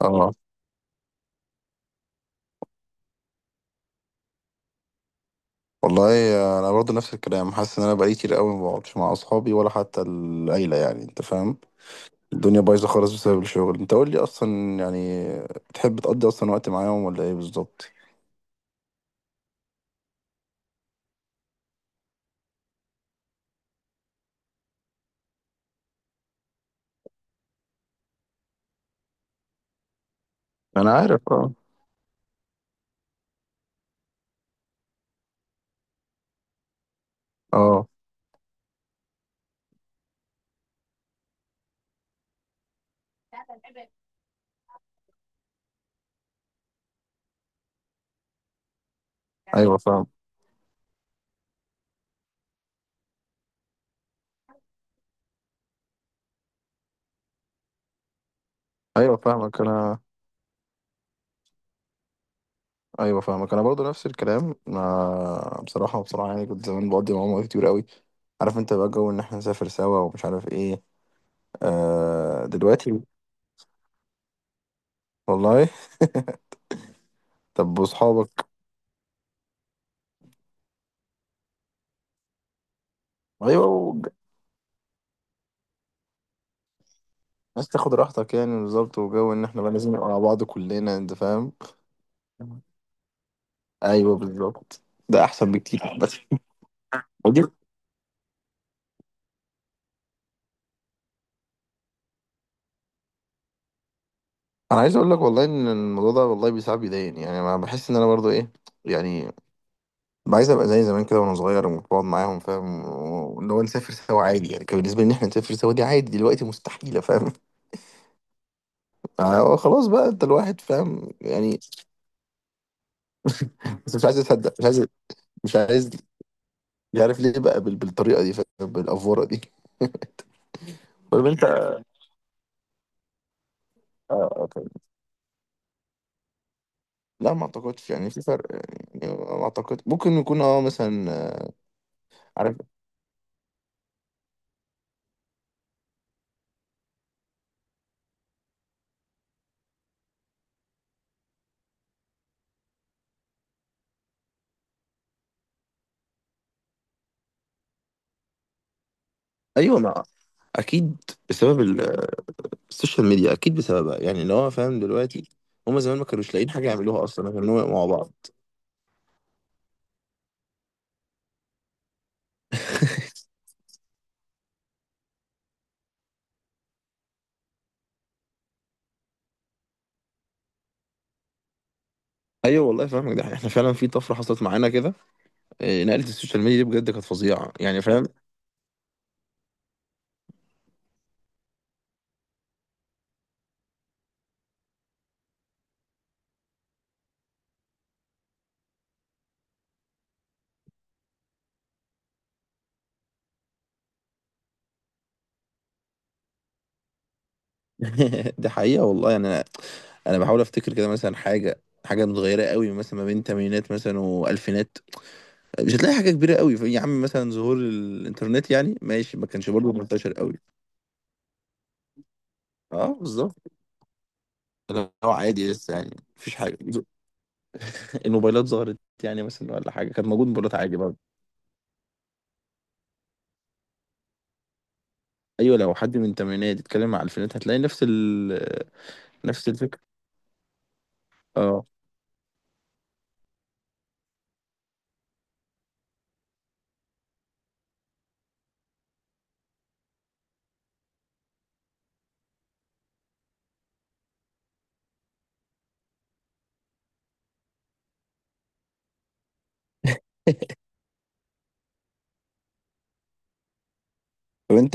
اه والله انا برضو نفس الكلام، حاسس ان انا بقالي كتير قوي ما بقعدش مع اصحابي ولا حتى العيله، يعني انت فاهم. الدنيا بايظه خالص بسبب الشغل. انت قول لي اصلا، يعني تحب تقضي اصلا وقت معاهم ولا ايه بالظبط؟ انا عارف اه. اه ايوه فاهم. ايوه فاهمك انا. ايوه فاهمك انا برضو نفس الكلام. ما بصراحه بصراحه يعني كنت زمان بقضي معاهم وقت كتير قوي. عارف انت بقى جو ان احنا نسافر سوا ومش عارف ايه. دلوقتي. والله. طب واصحابك؟ ايوه، عايز تاخد راحتك يعني بالظبط، وجو ان احنا بقى لازم نبقى مع بعض كلنا، انت فاهم. ايوه بالظبط. ده احسن بكتير، بس ودي. انا عايز اقول لك والله ان الموضوع ده، والله بيساعد بيضايقني يعني. انا بحس ان انا برضو ايه يعني، عايز ابقى زي زمان كده وانا صغير وبقعد معاهم، فاهم؟ وان هو نسافر سوا عادي. يعني كان بالنسبه لي ان احنا نسافر سوا دي عادي، دلوقتي مستحيله فاهم. خلاص بقى انت، الواحد فاهم يعني. بس مش عايز اصدق، مش عايز، مش عايز. مش عارف ليه بقى بالطريقه دي فاهم، بالافوره دي. طب انت، لا ما اعتقدش يعني في فرق. يعني ما اعتقد، ممكن يكون اه مثلا عارف. ايوه ما اكيد، بسبب السوشيال ميديا اكيد بسببها، يعني اللي هو فاهم دلوقتي. هما زمان ما كانوش لاقيين حاجه يعملوها اصلا غير ان هو يبقوا مع بعض. ايوه والله فاهمك، ده احنا فعلا في طفره حصلت معانا كده. إيه، نقله السوشيال ميديا دي بجد كانت فظيعه يعني فاهم. ده حقيقه والله يعني. انا انا بحاول افتكر كده مثلا حاجه، حاجه متغيره قوي مثلا ما بين تمانينات مثلا والفينات. مش هتلاقي حاجة كبيرة قوي. يا عم مثلا ظهور الإنترنت، يعني ماشي ما كانش برضه منتشر قوي. اه بالظبط. اللي هو عادي لسه، يعني مفيش حاجة. الموبايلات ظهرت يعني مثلا ولا حاجة، كان موجود موبايلات عادي برضه. أيوة لو حد من الثمانينات يتكلم على الألفينات، هتلاقي نفس نفس الفكرة. اه. طب أنت،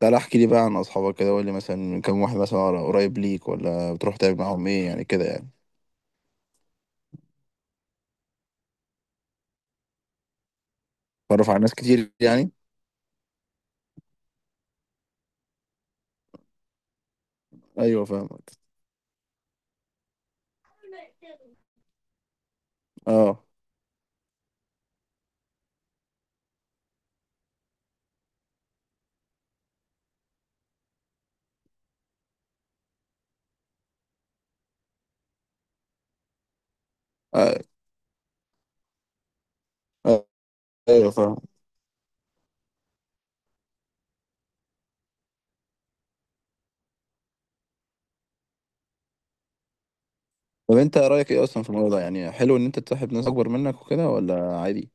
تعالى احكي لي بقى عن أصحابك كده، وقول لي مثلا كم واحد مثلا قريب ليك، ولا بتروح تعمل معاهم إيه يعني كده يعني؟ تعرف على ناس كتير يعني. أيوة فاهمك. اه. آه، آه، أيوة فاهم. طب انت رايك ايه اصلا في الموضوع ده؟ يعني حلو ان انت تصاحب ناس اكبر منك وكده، ولا عادي؟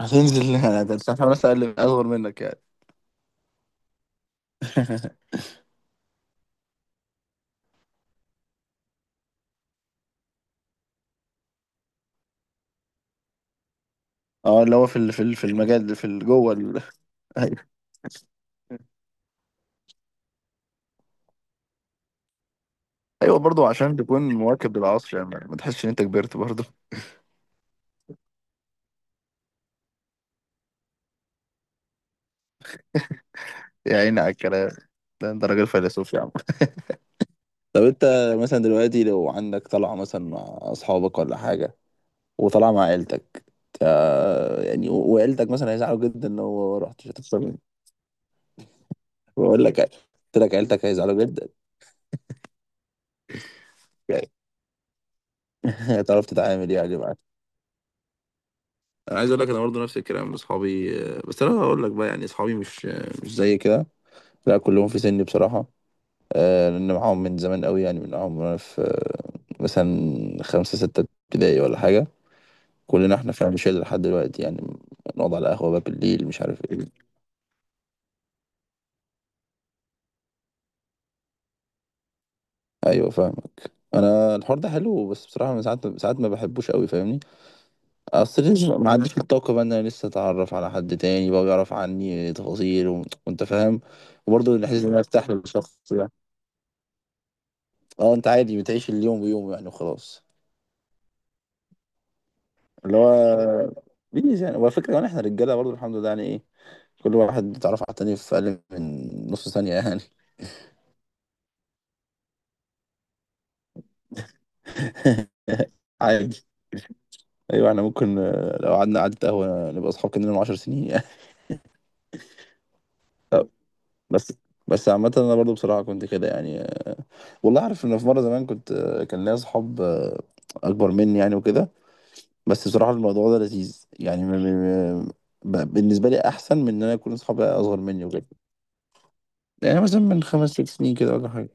هتنزل؟ هتصاحب ناس اقل، اصغر منك يعني؟ اه، اللي هو في في المجال ده، جوه ال... ايوه. ايوه برضه، عشان تكون مواكب للعصر يعني، ما تحسش ان انت كبرت برضه. يا عيني على الكلام، ده انت راجل فيلسوف يا عم. طب انت مثلا دلوقتي لو عندك طلعة مثلا مع اصحابك ولا حاجة، وطلعة مع عيلتك، وعيلتك مثلا هيزعلوا جدا لو رحت، مش هتخسر مني؟ بقول لك، قلت لك عيلتك هيزعلوا جدا. هتعرف تتعامل يعني معاه. انا عايز اقول لك انا برضه نفس الكلام. اصحابي، بس انا هقول لك بقى، يعني اصحابي مش زي كده، لا كلهم في سني بصراحه. لان معاهم من زمان قوي، يعني من معاهم وانا في مثلا خمسة ستة ابتدائي ولا حاجه. كلنا احنا فاهم، شله لحد دلوقتي يعني. نقعد على قهوه بقى بالليل، مش عارف ايه. ايوه فاهمك انا. الحوار ده حلو بس بصراحه من ساعات ما بحبوش قوي فاهمني. اصل ليش ما عنديش الطاقة بقى ان انا لسه اتعرف على حد تاني، بقى يعرف عني تفاصيل و... وانت فاهم. وبرضه الاحساس ان انا ارتاح للشخص ده. اه انت عادي بتعيش اليوم بيوم يعني وخلاص. اللي هو بيز يعني. وعلى فكرة يعني احنا رجالة برضه الحمد لله، يعني ايه، كل واحد اتعرف على التاني في اقل من نص ثانية يعني. عادي. ايوه احنا ممكن لو قعدنا قعدة قهوة نبقى اصحاب كنا من 10 سنين يعني. طب، بس بس عامة انا برضه بصراحة كنت كده يعني. والله عارف ان في مره زمان كنت، كان ليا اصحاب اكبر مني يعني وكده. بس بصراحه الموضوع ده لذيذ يعني. بالنسبه لي احسن من ان انا يكون اصحابي اصغر مني وكده. يعني مثلا من خمس ست سنين كده ولا حاجه.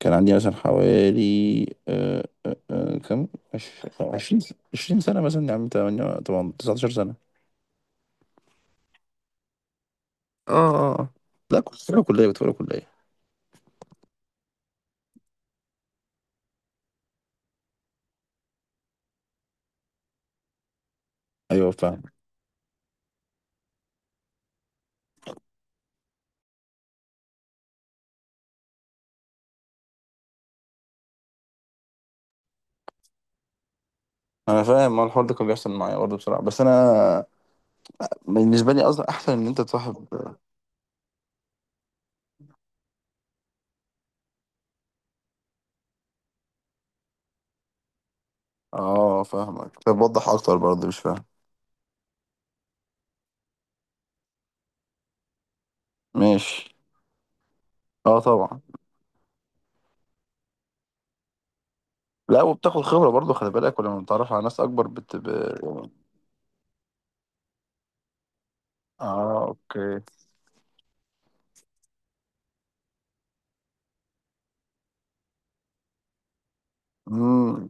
كان عندي مثلا حوالي كم، عشرين، عشرين سنه مثلا، يعني تمانية طبعا 19 سنه. اه اه آه. لا كنت في أولى كليه، كنت في أولى كليه. ايوه فاهم. انا فاهم، ما الحوار ده كان بيحصل معايا برضه بصراحه. بس انا بالنسبه لي اصلا احسن ان انت تصاحب. اه فاهمك. طب وضح اكتر برضه مش فاهم. ماشي. اه طبعا. لا، وبتاخد خبرة برضه خلي بالك، ولما بتتعرف على ناس اكبر بت ب... اه اوكي. امم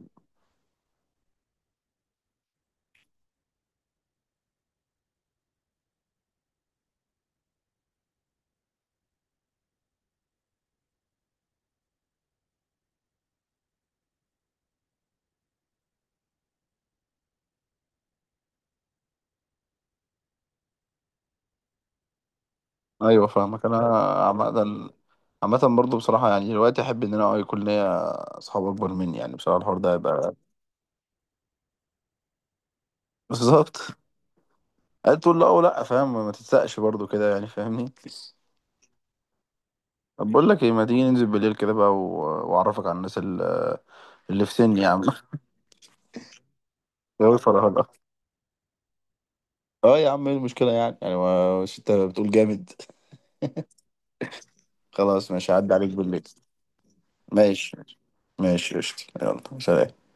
ايوه فاهمك انا. عامة، عامة برضه بصراحة يعني دلوقتي احب ان انا يكون ليا اصحاب اكبر مني، يعني بصراحة الحوار ده هيبقى. بالظبط. قال تقول لا، ولا فاهم، ما تتسقش برضه كده يعني فاهمني. طب بقول لك ايه، ما تيجي ننزل بالليل كده بقى و... واعرفك على الناس اللي، اللي في سني يا عم. يا فرهدة. اه يا عم ايه المشكلة يعني؟ يعني مش انت بتقول جامد؟ خلاص ماشي، هعدي عليك بالليل. ماشي ماشي. ماشي قشطة، يلا سلام.